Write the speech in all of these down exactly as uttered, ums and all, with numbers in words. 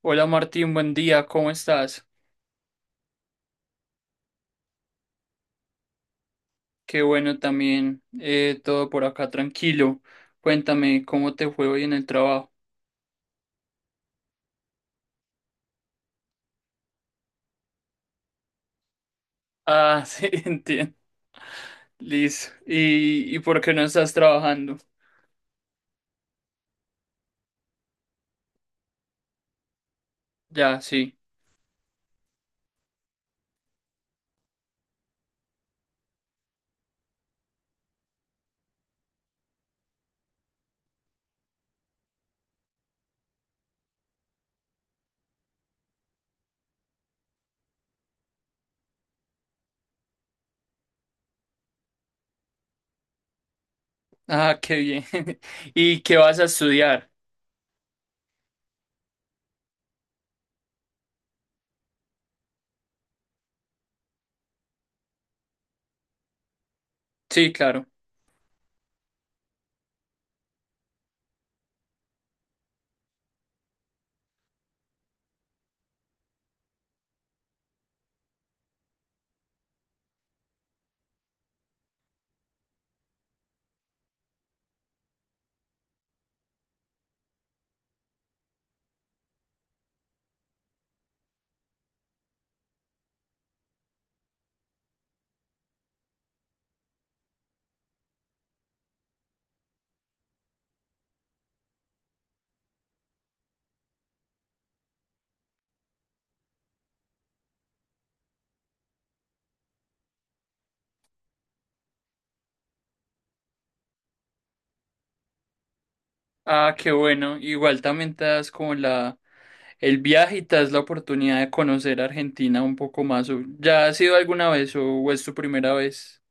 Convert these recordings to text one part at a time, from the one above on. Hola Martín, buen día, ¿cómo estás? Qué bueno también, eh, todo por acá tranquilo. Cuéntame, ¿cómo te fue hoy en el trabajo? Ah, sí, entiendo. Listo. ¿Y, y por qué no estás trabajando? Ya, sí. Ah, qué bien. ¿Y qué vas a estudiar? Sí, claro. Ah, qué bueno. Igual también te das como la, el viaje y te das la oportunidad de conocer Argentina un poco más. ¿O ¿Ya has ido alguna vez o o es tu primera vez?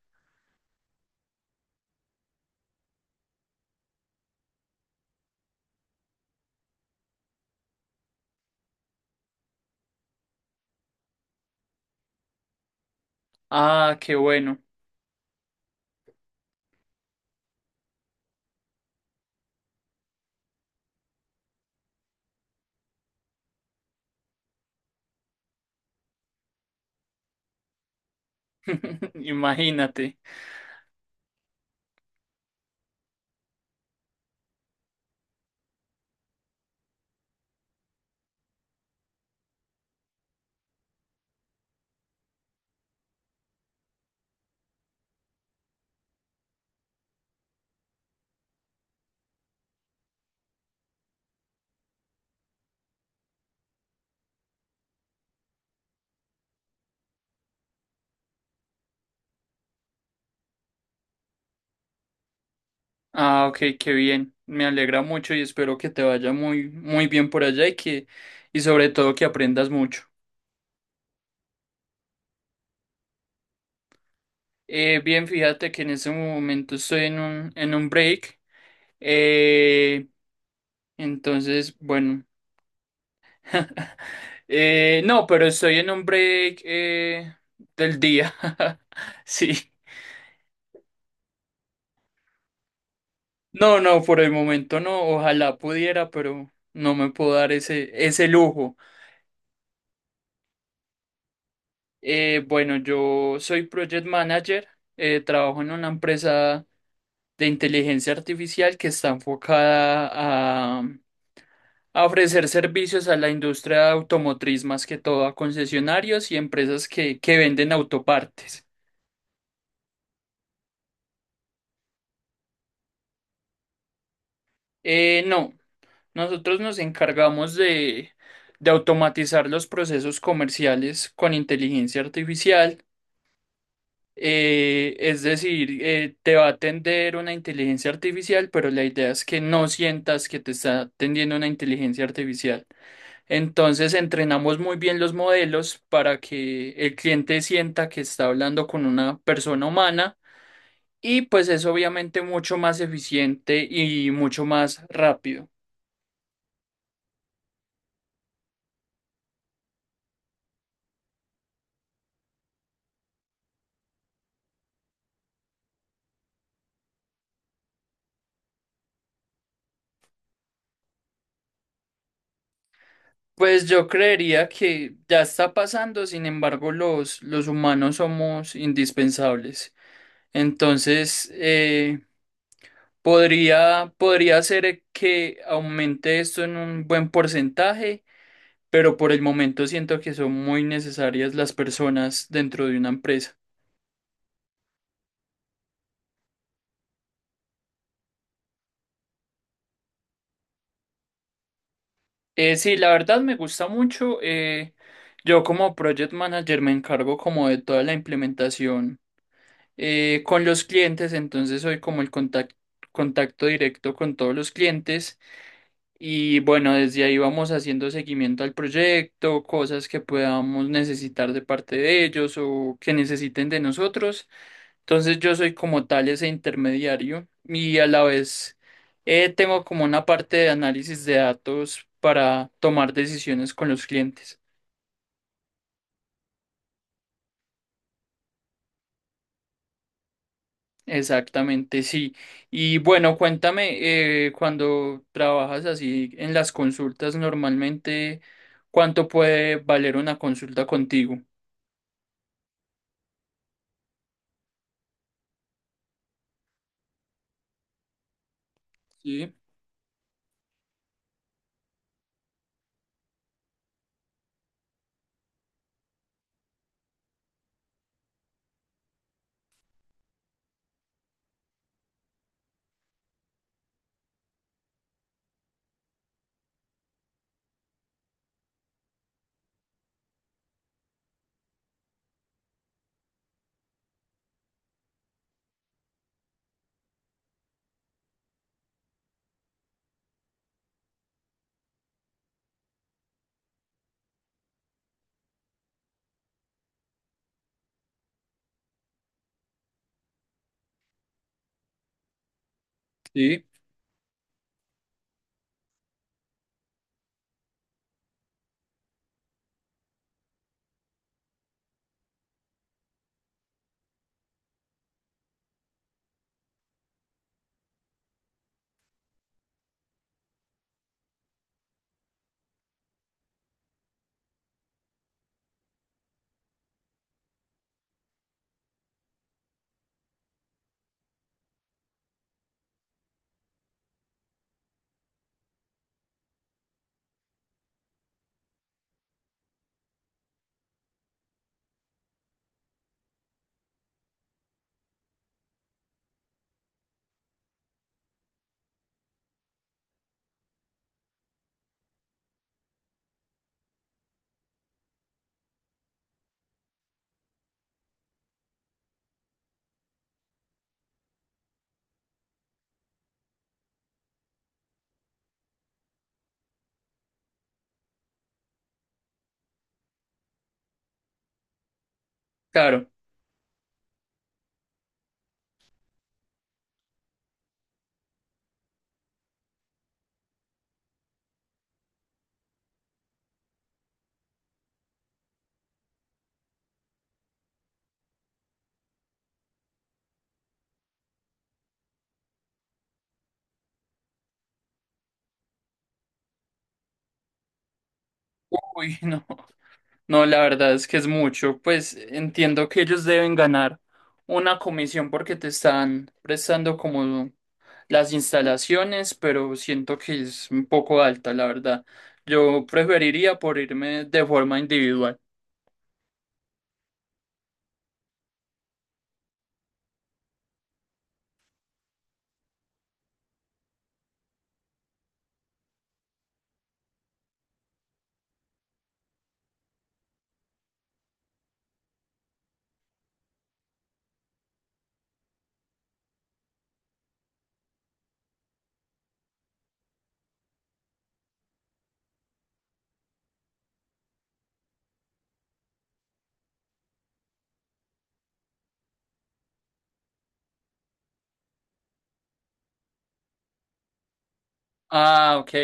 Ah, qué bueno. Imagínate. Ah, ok, qué bien. Me alegra mucho y espero que te vaya muy, muy bien por allá y que, y sobre todo que aprendas mucho. Eh, bien, fíjate que en ese momento estoy en un, en un break. Eh, entonces, bueno. Eh, no, pero estoy en un break, eh, del día. Sí. No, no, por el momento no. Ojalá pudiera, pero no me puedo dar ese, ese lujo. Eh, bueno, yo soy Project Manager, eh, trabajo en una empresa de inteligencia artificial que está enfocada a, a ofrecer servicios a la industria automotriz, más que todo a concesionarios y empresas que, que venden autopartes. Eh, no, nosotros nos encargamos de, de automatizar los procesos comerciales con inteligencia artificial. Eh, es decir, eh, te va a atender una inteligencia artificial, pero la idea es que no sientas que te está atendiendo una inteligencia artificial. Entonces, entrenamos muy bien los modelos para que el cliente sienta que está hablando con una persona humana, y pues es obviamente mucho más eficiente y mucho más rápido. Pues yo creería que ya está pasando, sin embargo, los, los humanos somos indispensables. Entonces, eh, Podría, podría ser que aumente esto en un buen porcentaje, pero por el momento siento que son muy necesarias las personas dentro de una empresa. Eh, sí, la verdad me gusta mucho. Eh, yo como project manager me encargo como de toda la implementación eh, con los clientes, entonces soy como el contac- contacto directo con todos los clientes. Y bueno, desde ahí vamos haciendo seguimiento al proyecto, cosas que podamos necesitar de parte de ellos o que necesiten de nosotros. Entonces yo soy como tal ese intermediario y a la vez eh, tengo como una parte de análisis de datos para tomar decisiones con los clientes. Exactamente, sí. Y bueno, cuéntame, eh, cuando trabajas así en las consultas normalmente, ¿cuánto puede valer una consulta contigo? Sí. Sí. Claro. Uy, no. No, la verdad es que es mucho. Pues entiendo que ellos deben ganar una comisión porque te están prestando como las instalaciones, pero siento que es un poco alta, la verdad. Yo preferiría por irme de forma individual. Ah, ok,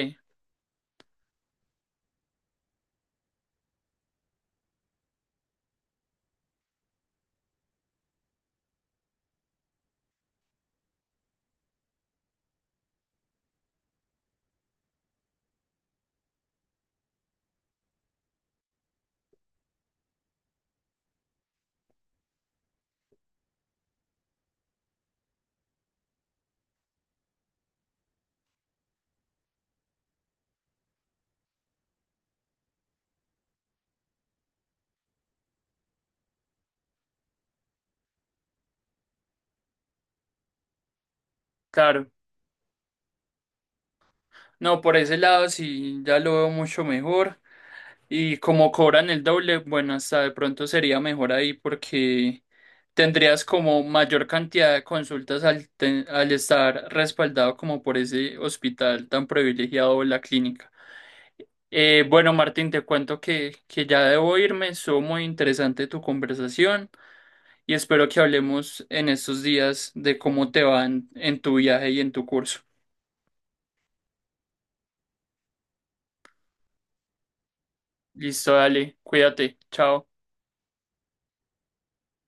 claro. No, por ese lado sí ya lo veo mucho mejor. Y como cobran el doble, bueno, hasta de pronto sería mejor ahí porque tendrías como mayor cantidad de consultas al, te- al estar respaldado como por ese hospital tan privilegiado o la clínica. Eh, bueno, Martín, te cuento que, que ya debo irme. Estuvo muy interesante tu conversación y espero que hablemos en estos días de cómo te va en en tu viaje y en tu curso. Listo, dale, cuídate, chao.